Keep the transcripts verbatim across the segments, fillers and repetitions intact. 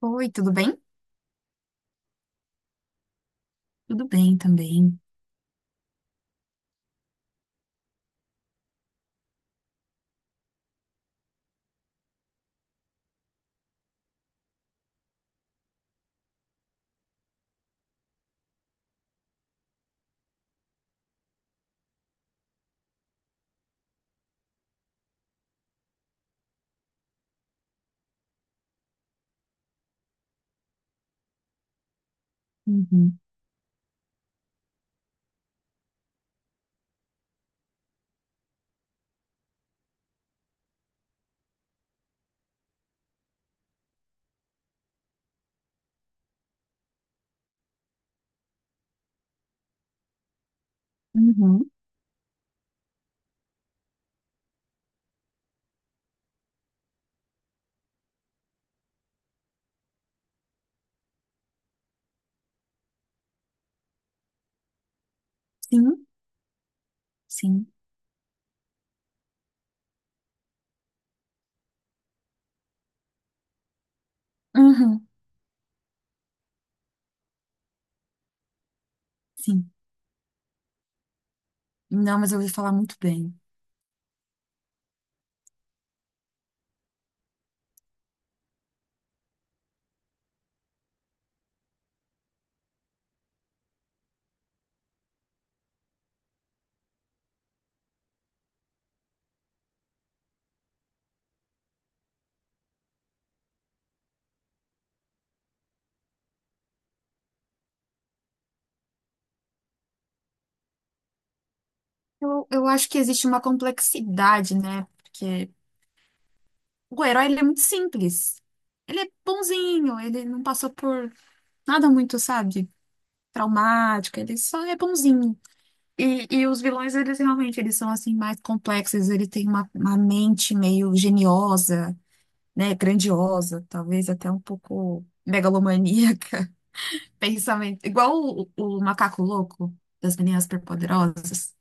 Oi, tudo bem? Tudo bem também. Uhum, uhum. Sim, sim. Uhum, sim. Não, mas eu ouvi falar muito bem. Eu, eu acho que existe uma complexidade, né? Porque o herói, ele é muito simples. Ele é bonzinho, ele não passou por nada muito, sabe, traumático, ele só é bonzinho. E, e os vilões, eles realmente, eles são, assim, mais complexos, ele tem uma, uma mente meio geniosa, né, grandiosa, talvez até um pouco megalomaníaca. Pensamento. Igual o, o macaco louco das meninas superpoderosas,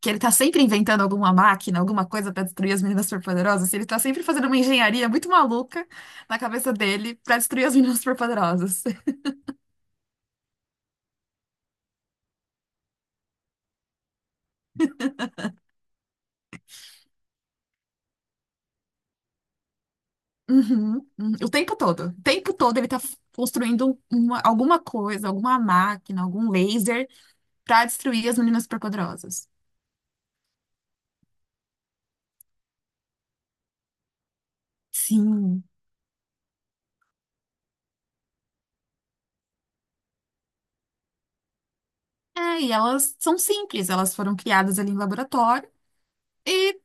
que ele tá sempre inventando alguma máquina, alguma coisa pra destruir as meninas superpoderosas, e ele tá sempre fazendo uma engenharia muito maluca na cabeça dele pra destruir as meninas superpoderosas. Uhum, uhum. O tempo todo. O tempo todo ele tá construindo uma- alguma coisa, alguma máquina, algum laser pra destruir as meninas superpoderosas. Sim. É, e elas são simples, elas foram criadas ali em laboratório. E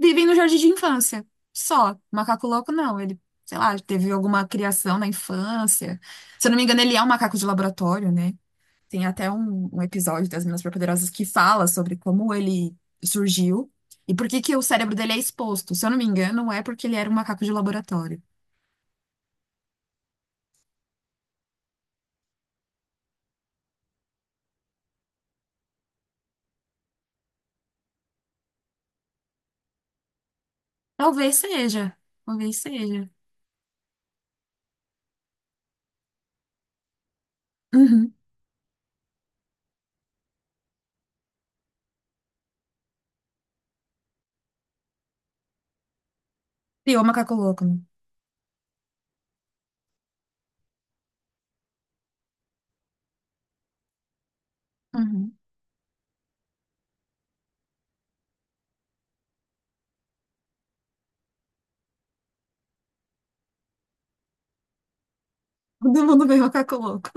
vivem no jardim de infância. Só. Macaco louco, não. Ele, sei lá, teve alguma criação na infância. Se eu não me engano, ele é um macaco de laboratório, né? Tem até um, um episódio das Meninas Superpoderosas que fala sobre como ele surgiu e por que que o cérebro dele é exposto. Se eu não me engano, é porque ele era um macaco de laboratório. Talvez seja. Talvez seja. Uhum. E o macaco louco, né? Uhum. Todo mundo vê o macaco louco.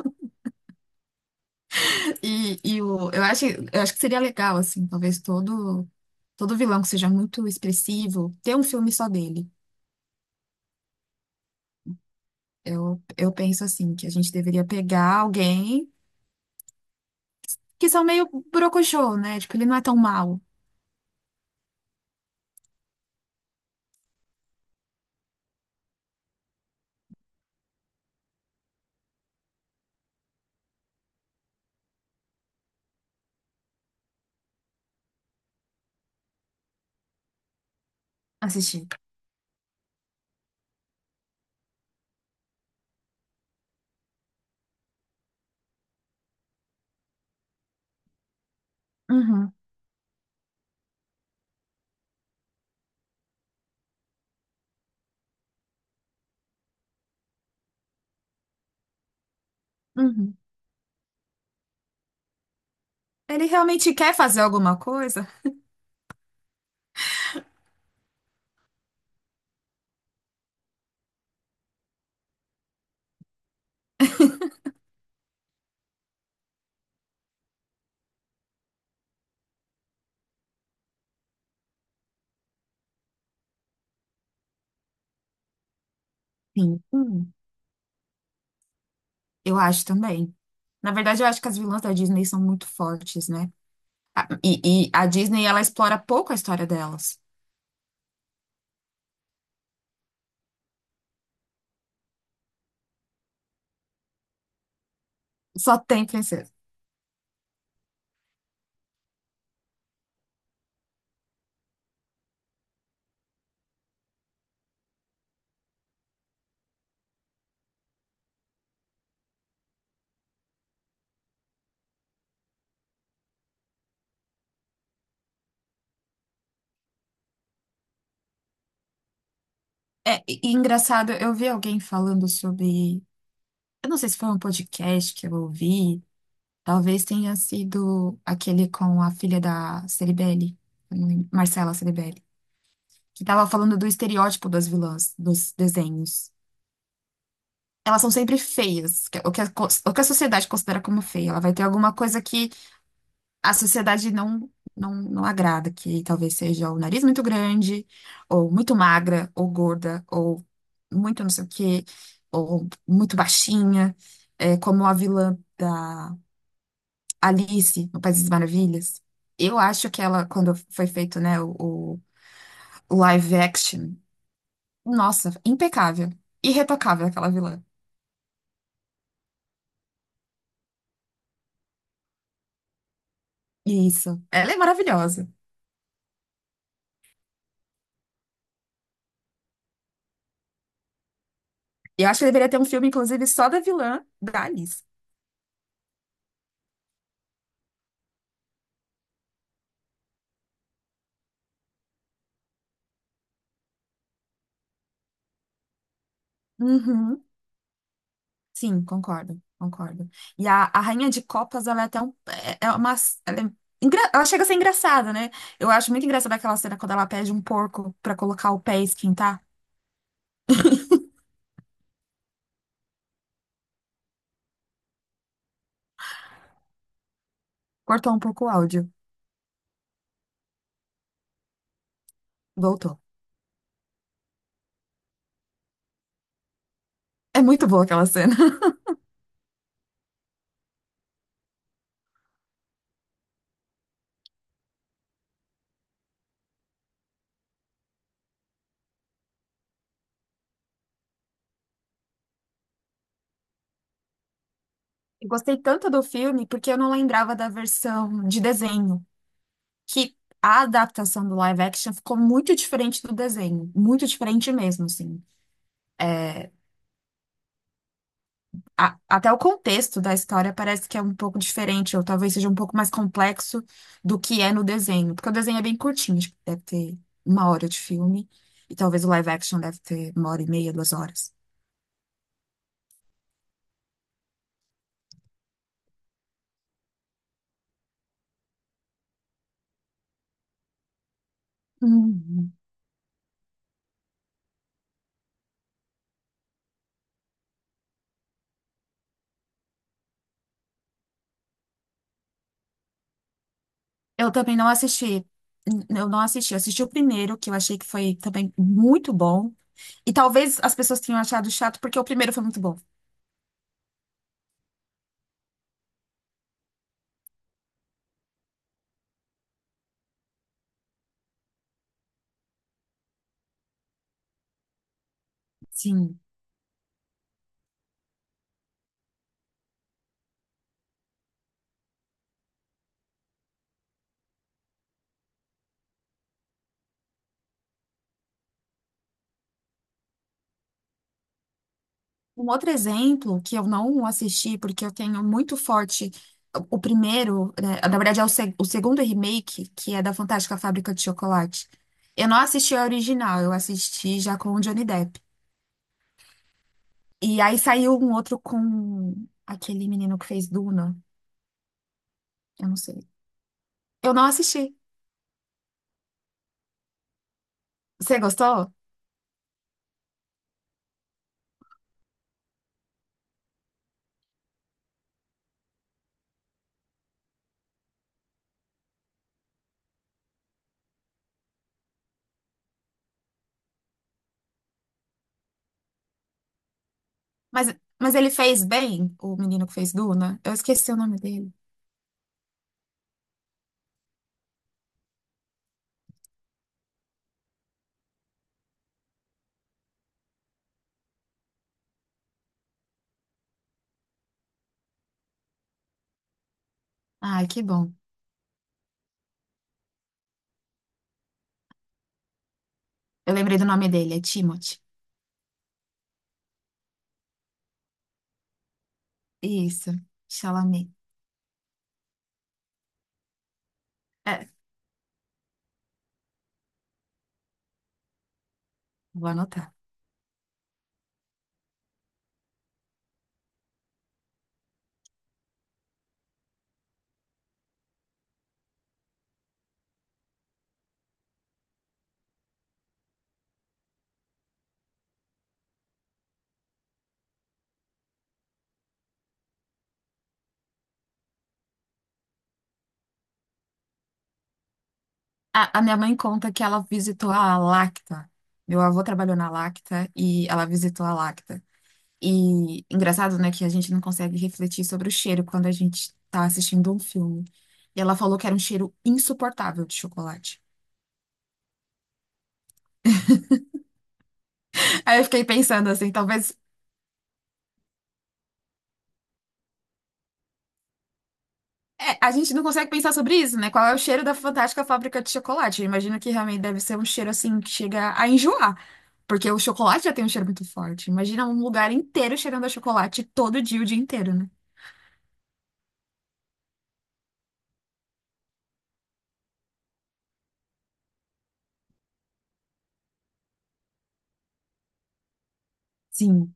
E, e o, eu acho, eu acho que seria legal, assim, talvez todo, todo vilão que seja muito expressivo, ter um filme só dele. Eu, eu penso, assim, que a gente deveria pegar alguém que são meio brocochô, né? Tipo, ele não é tão mal assistir. Uhum, uhum. Ele realmente quer fazer alguma coisa? Sim. Hum, eu acho também. Na verdade, eu acho que as vilãs da Disney são muito fortes, né? A- E, e a Disney, ela explora pouco a história delas. Só tem princesa. É, e e engraçado, eu vi alguém falando sobre. Eu não sei se foi um podcast que eu ouvi, talvez tenha sido aquele com a filha da Ceribelli, eu não lembro, Marcela Ceribelli, que tava falando do estereótipo das vilãs dos desenhos. Elas são sempre feias, que- o que a, cons- o que a sociedade considera como feia. Ela vai ter alguma coisa que a sociedade não, não, não agrada, que talvez seja o nariz muito grande, ou muito magra, ou gorda, ou muito não sei o quê, ou muito baixinha, é, como a vilã da Alice no País das Maravilhas. Eu acho que ela, quando foi feito, né, o, o live action, nossa, impecável, irretocável aquela vilã. Isso, ela é maravilhosa. Eu acho que deveria ter um filme, inclusive, só da vilã da Alice. Uhum. Sim, concordo, concordo. E a, a Rainha de Copas, ela é até um, é é uma, ela, é engra- ela chega a ser engraçada, né? Eu acho muito engraçada aquela cena quando ela pede um porco pra colocar o pé e esquentar. Cortou um pouco o áudio, voltou. É muito boa aquela cena. Eu gostei tanto do filme porque eu não lembrava da versão de desenho, que a adaptação do live action ficou muito diferente do desenho, muito diferente mesmo, assim. É, a- até o contexto da história parece que é um pouco diferente, ou talvez seja um pouco mais complexo do que é no desenho, porque o desenho é bem curtinho, tipo, deve ter uma hora de filme, e talvez o live action deve ter uma hora e meia, duas horas. Uhum. Eu também não assisti, n- eu não assisti, eu assisti o primeiro, que eu achei que foi também muito bom, e talvez as pessoas tenham achado chato porque o primeiro foi muito bom. Sim. Um outro exemplo que eu não assisti, porque eu tenho muito forte o o primeiro, né, na verdade é o, se- o segundo remake, que é da Fantástica Fábrica de Chocolate. Eu não assisti a original, eu assisti já com o Johnny Depp. E aí saiu um outro com aquele menino que fez Duna, eu não sei. Eu não assisti. Você gostou? Mas, mas ele fez bem, o menino que fez Duna? Eu esqueci o nome dele. Ai, que bom. Eu lembrei do nome dele, é Timothy. Isso, Chalamet. É, vou anotar. A, a minha mãe conta que ela visitou a Lacta. Meu avô trabalhou na Lacta e ela visitou a Lacta. E engraçado, né, que a gente não consegue refletir sobre o cheiro quando a gente tá assistindo um filme. E ela falou que era um cheiro insuportável de chocolate. Aí eu fiquei pensando assim, talvez. É, a gente não consegue pensar sobre isso, né? Qual é o cheiro da fantástica fábrica de chocolate? Eu imagino que realmente deve ser um cheiro assim que chega a enjoar. Porque o chocolate já tem um cheiro muito forte. Imagina um lugar inteiro cheirando a chocolate todo dia, o dia inteiro, né? Sim.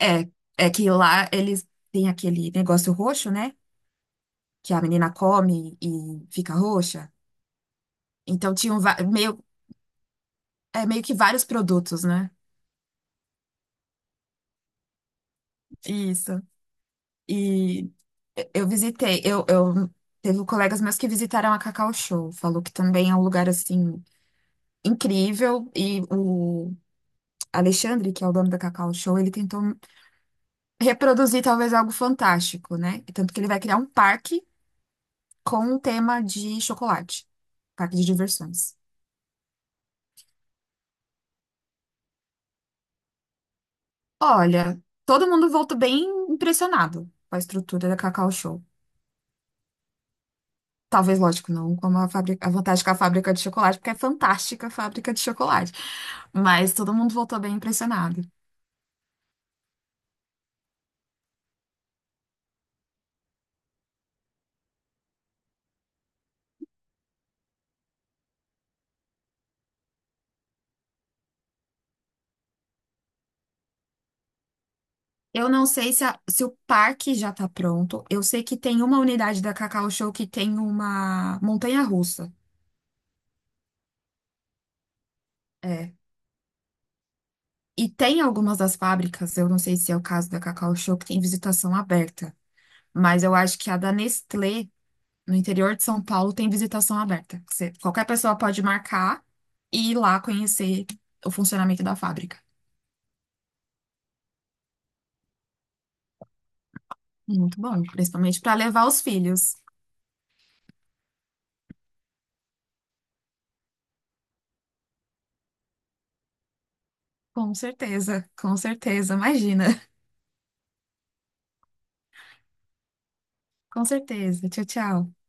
É, é que lá eles têm aquele negócio roxo, né? Que a menina come e fica roxa. Então tinham va- meio, é, meio que vários produtos, né? Isso. E eu visitei, eu, eu teve colegas meus que visitaram a Cacau Show, falou que também é um lugar assim incrível e o Alexandre, que é o dono da Cacau Show, ele tentou reproduzir talvez algo fantástico, né? Tanto que ele vai criar um parque com um tema de chocolate, parque de diversões. Olha, todo mundo voltou bem impressionado com a estrutura da Cacau Show. Talvez, lógico, não como a fábrica, a vantagem com a fábrica de chocolate, porque é fantástica a fábrica de chocolate. Mas todo mundo voltou bem impressionado. Eu não sei se, a- se o parque já tá pronto. Eu sei que tem uma unidade da Cacau Show que tem uma montanha-russa. É. E tem algumas das fábricas, eu não sei se é o caso da Cacau Show, que tem visitação aberta. Mas eu acho que a da Nestlé no interior de São Paulo tem visitação aberta. Que você- qualquer pessoa pode marcar e ir lá conhecer o funcionamento da fábrica. Muito bom, principalmente para levar os filhos. Com certeza, com certeza, imagina. Com certeza. Tchau, tchau.